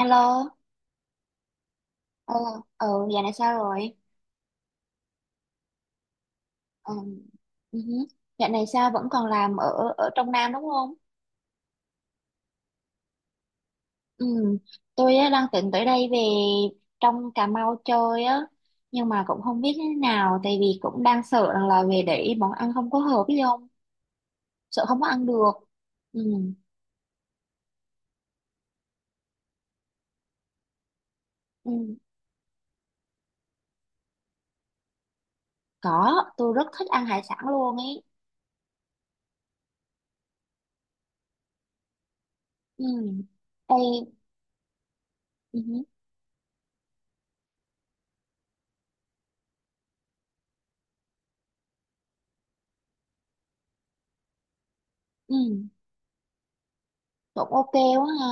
Alo, ờ, ừ, dạo này sao rồi? Ờ, ừ hứ. Dạo này sao vẫn còn làm ở ở trong Nam đúng không? Ừ, tôi á, đang tính tới đây về trong Cà Mau chơi á, nhưng mà cũng không biết như thế nào, tại vì cũng đang sợ rằng là về để món ăn không có hợp với không, sợ không có ăn được. Ừ, ừ, có, tôi rất thích ăn hải sản luôn ấy. Ừ, đây, ừ, hứ, ừ, cũng ok quá ha.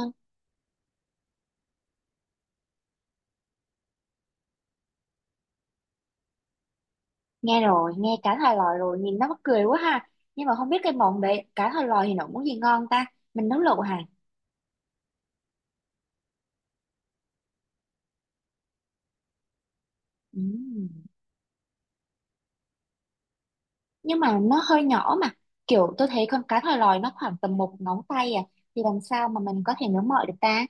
Nghe rồi, nghe cá thòi lòi rồi, nhìn nó mắc cười quá ha. Nhưng mà không biết cái món đấy, cá thòi lòi thì nó món gì ngon ta? Mình nấu lẩu hả? Ừm. Nhưng mà nó hơi nhỏ mà. Kiểu tôi thấy con cá thòi lòi nó khoảng tầm một ngón tay à. Thì làm sao mà mình có thể nấu mọi được ta?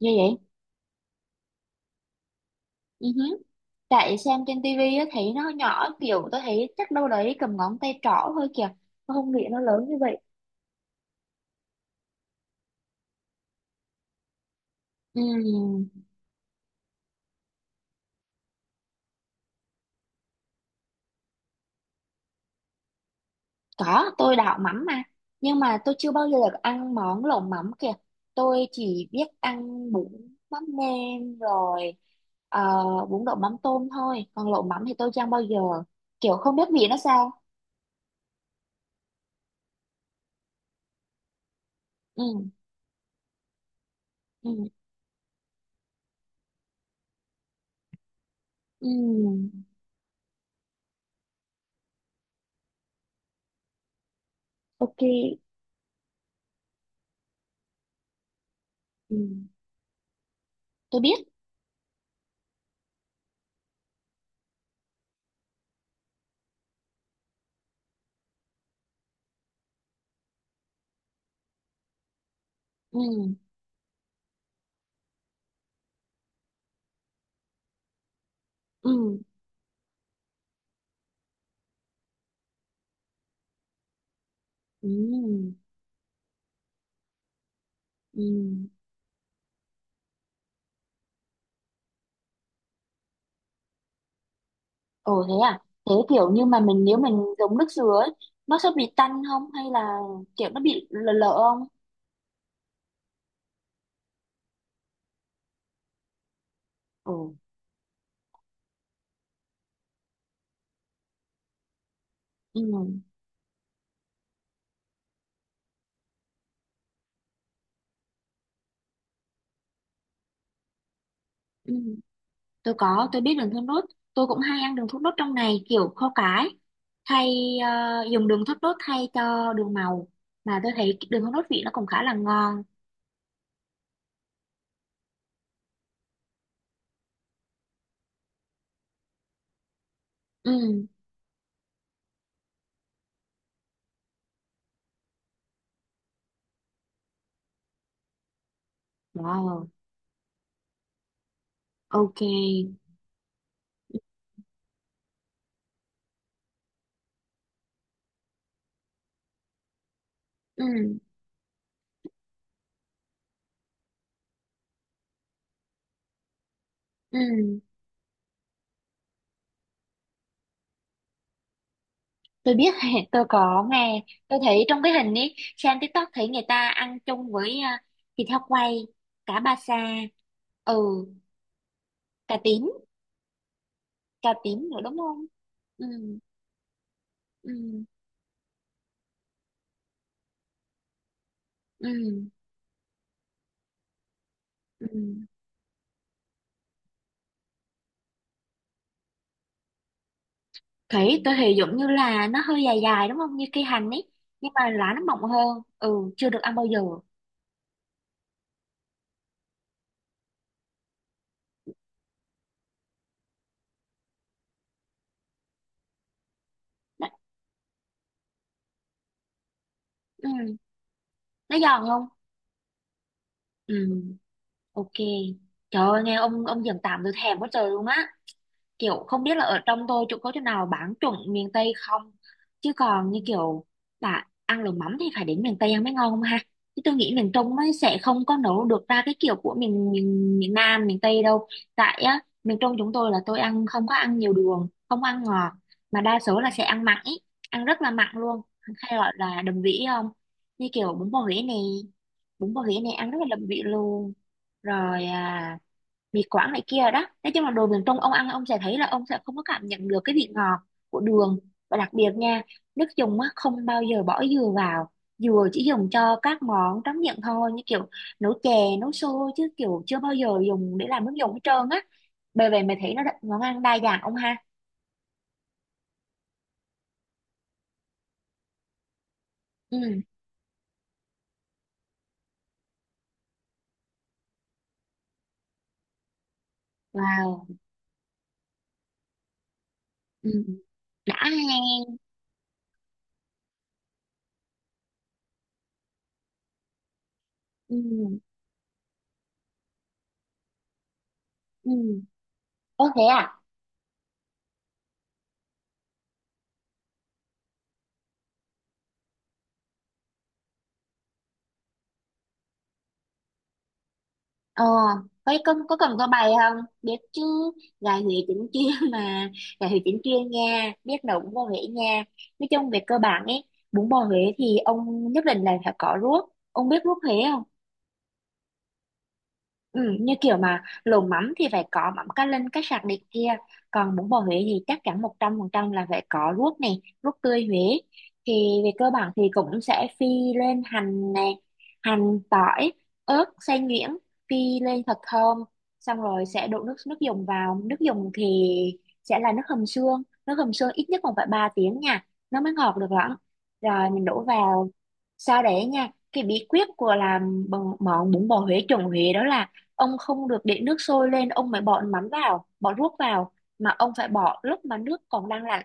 Như vậy? Ừ hứ. Tại xem trên tivi á, thấy nó nhỏ, kiểu tôi thấy chắc đâu đấy cầm ngón tay trỏ thôi kìa. Tôi không nghĩ nó lớn như vậy. Ừm. Có, tôi đảo mắm mà. Nhưng mà tôi chưa bao giờ được ăn món lẩu mắm kìa. Tôi chỉ biết ăn bún mắm nêm rồi, ờ, bún đậu mắm tôm thôi. Còn lẩu mắm thì tôi chưa ăn bao giờ. Kiểu không biết vị nó sao. Ừ, ừ, ừ, ok. Ừ, tôi biết. Ừ, ừ, ừ, ừ. Ồ thế à? Thế kiểu như mà mình nếu mình dùng nước dừa ấy, nó sẽ bị tanh không? Hay là kiểu nó bị lợ lợ không? Ồ, ừ, ừ. Tôi có, tôi biết đường thốt nốt. Tôi cũng hay ăn đường thốt nốt trong này kiểu kho cái. Thay ờ, Dùng đường thốt nốt thay cho đường màu. Mà tôi thấy cái đường thốt nốt vị nó cũng khá là ngon. Ừ, wow, ok. Ừ, ừ. Tôi biết, tôi có nghe. Tôi thấy trong cái hình ấy, xem TikTok thấy người ta ăn chung với thịt heo quay, cá ba sa, ừ, cá tím, cá tím nữa đúng không? Ừ, ừ, ừ, ừ. Thủy tôi thì giống như là nó hơi dài dài đúng không, như cây hành ấy nhưng mà lá nó mọng hơn. Ừ, chưa được ăn bao giờ. Nó, ừ, nó giòn không? Ừ, ok. Trời ơi, nghe ông giòn tạm tôi thèm quá trời luôn á. Kiểu không biết là ở trong tôi chỗ có chỗ nào bán chuẩn miền Tây không, chứ còn như kiểu là ăn lẩu mắm thì phải đến miền Tây ăn mới ngon không ha. Chứ tôi nghĩ miền Trung ấy sẽ không có nấu được ra cái kiểu của miền miền, miền Nam miền Tây đâu. Tại á, miền Trung chúng tôi là tôi ăn không có ăn nhiều đường, không ăn ngọt, mà đa số là sẽ ăn mặn ý, ăn rất là mặn luôn, hay gọi là đậm vị ấy không. Như kiểu bún bò Huế này, bún bò Huế này ăn rất là đậm vị luôn. Rồi à, mì Quảng này kia đó, nói chung là đồ miền Trung ông ăn ông sẽ thấy là ông sẽ không có cảm nhận được cái vị ngọt của đường. Và đặc biệt nha, nước dùng á không bao giờ bỏ dừa vào. Dừa chỉ dùng cho các món tráng miệng thôi, như kiểu nấu chè, nấu xôi, chứ kiểu chưa bao giờ dùng để làm nước dùng hết trơn á. Bởi vậy mày thấy nó món ăn đa dạng ông ha. Ừ, wow, ừ. Đã nghe. Ừ. Ừ. Ô thế à? Ờ, có cần có bài không? Biết chứ, gài Huế chính chuyên mà, gài Huế chính chuyên nha, biết nấu bún bò Huế nha. Nói chung về cơ bản ấy, bún bò Huế thì ông nhất định là phải có ruốc. Ông biết ruốc Huế không? Ừ, như kiểu mà lẩu mắm thì phải có mắm cá linh cá sặc này kia, còn bún bò Huế thì chắc chắn 100% là phải có ruốc này, ruốc tươi Huế. Thì về cơ bản thì cũng sẽ phi lên hành này, hành tỏi, ớt xay nhuyễn, phi lên thật thơm. Xong rồi sẽ đổ nước nước dùng vào. Nước dùng thì sẽ là nước hầm xương, nước hầm xương ít nhất còn phải 3 tiếng nha, nó mới ngọt được lắm. Rồi mình đổ vào. Sau đấy nha, cái bí quyết của làm món bún bò Huế chuẩn Huế đó là ông không được để nước sôi lên ông mới bỏ mắm vào, bỏ ruốc vào, mà ông phải bỏ lúc mà nước còn đang là,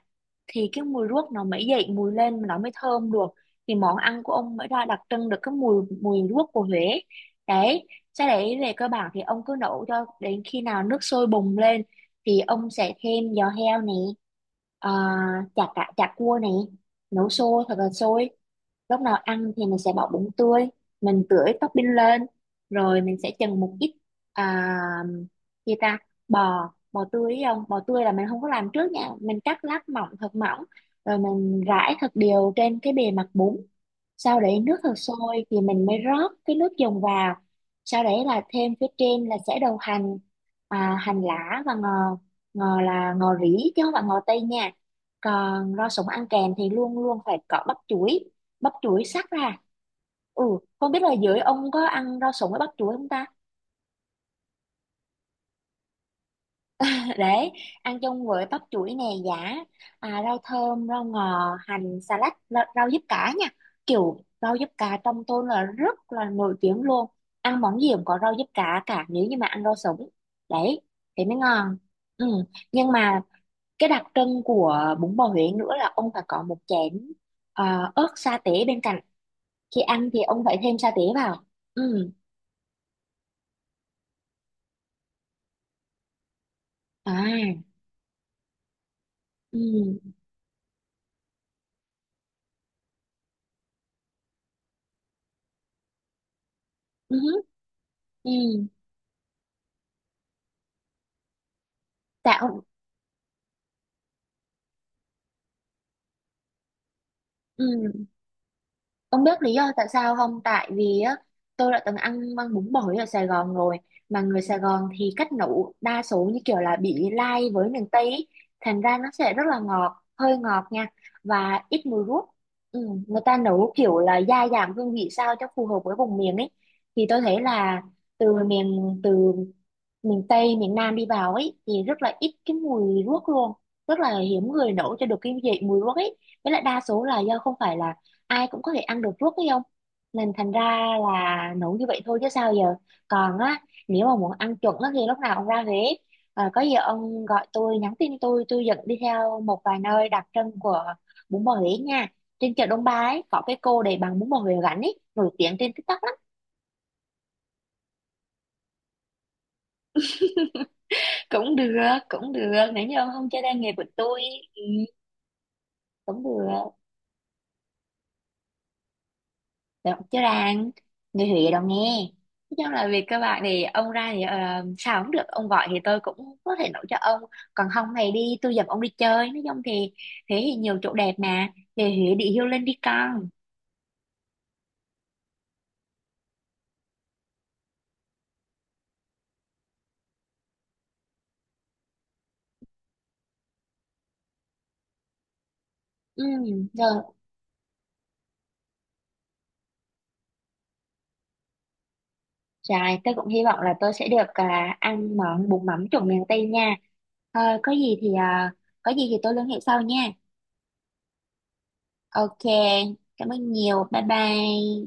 thì cái mùi ruốc nó mới dậy mùi lên mà nó mới thơm được, thì món ăn của ông mới ra đặc trưng được cái mùi mùi ruốc của Huế. Đấy, sau đấy về cơ bản thì ông cứ nấu cho đến khi nào nước sôi bùng lên, thì ông sẽ thêm giò heo này, à, chả cá chả cua này, nấu sôi thật là sôi. Lúc nào ăn thì mình sẽ bỏ bún tươi, mình tưới topping lên, rồi mình sẽ chần một ít, à, gì ta, bò bò tươi ấy ông, bò tươi là mình không có làm trước nha, mình cắt lát mỏng thật mỏng, rồi mình rải thật đều trên cái bề mặt bún, sau đấy nước thật sôi thì mình mới rót cái nước dùng vào. Sau đấy là thêm phía trên là sẽ đầu hành, à, hành lá và ngò. Ngò là ngò rỉ chứ không phải ngò tây nha. Còn rau sống ăn kèm thì luôn luôn phải có bắp chuối, bắp chuối sắc ra. Ừ. Không biết là dưới ông có ăn rau sống với bắp chuối không ta. Đấy, ăn chung với bắp chuối nè, rau thơm, rau ngò, hành, xà lách, rau diếp cá nha. Kiểu rau diếp cá trong tôi là rất là nổi tiếng luôn. Ăn món gì cũng có rau diếp cá cả nếu như mà ăn rau sống. Đấy, thế mới ngon. Ừ. Nhưng mà cái đặc trưng của bún bò Huế nữa là ông phải có một chén ớt sa tế bên cạnh. Khi ăn thì ông phải thêm sa tế vào. Ừ. À. Ừ. Ừ. Ừ. Tại ông. Ừ. Ông biết lý do tại sao không? Tại vì á, tôi đã từng ăn măng bún bò ở Sài Gòn rồi. Mà người Sài Gòn thì cách nấu đa số như kiểu là bị lai với miền Tây ý. Thành ra nó sẽ rất là ngọt, hơi ngọt nha. Và ít mùi ruốc. Ừ, người ta nấu kiểu là gia giảm hương vị sao cho phù hợp với vùng miền ấy. Thì tôi thấy là từ miền Tây, miền Nam đi vào ấy thì rất là ít cái mùi ruốc luôn. Rất là hiếm người nấu cho được cái vị mùi ruốc ấy. Với lại đa số là do không phải là ai cũng có thể ăn được ruốc ấy không, nên thành ra là nấu như vậy thôi chứ sao giờ. Còn á, nếu mà muốn ăn chuẩn á thì lúc nào ông ra Huế, à, có gì ông gọi tôi, nhắn tin tôi dẫn đi theo một vài nơi đặc trưng của bún bò Huế nha. Trên chợ Đông Ba ấy có cái cô để bán bún bò Huế gắn ấy nổi tiếng trên TikTok lắm. Cũng được, cũng được, nếu như ông không chơi tay nghề của tôi, cũng được. Được chứ, rang. Người Huế đâu nghe. Nói chung là về cơ bản thì ông ra thì sao cũng được. Ông gọi thì tôi cũng có thể nấu cho ông. Còn không thì đi, tôi dẫn ông đi chơi. Nói chung thì Huế thì nhiều chỗ đẹp mà. Về Huế đi, hiêu lên đi con. Ừ, rồi, trời, tôi cũng hy vọng là tôi sẽ được, à, ăn món bún mắm trộn miền Tây nha. Ờ, có gì thì à, có gì thì tôi liên hệ sau nha. Ok. Cảm ơn nhiều. Bye bye.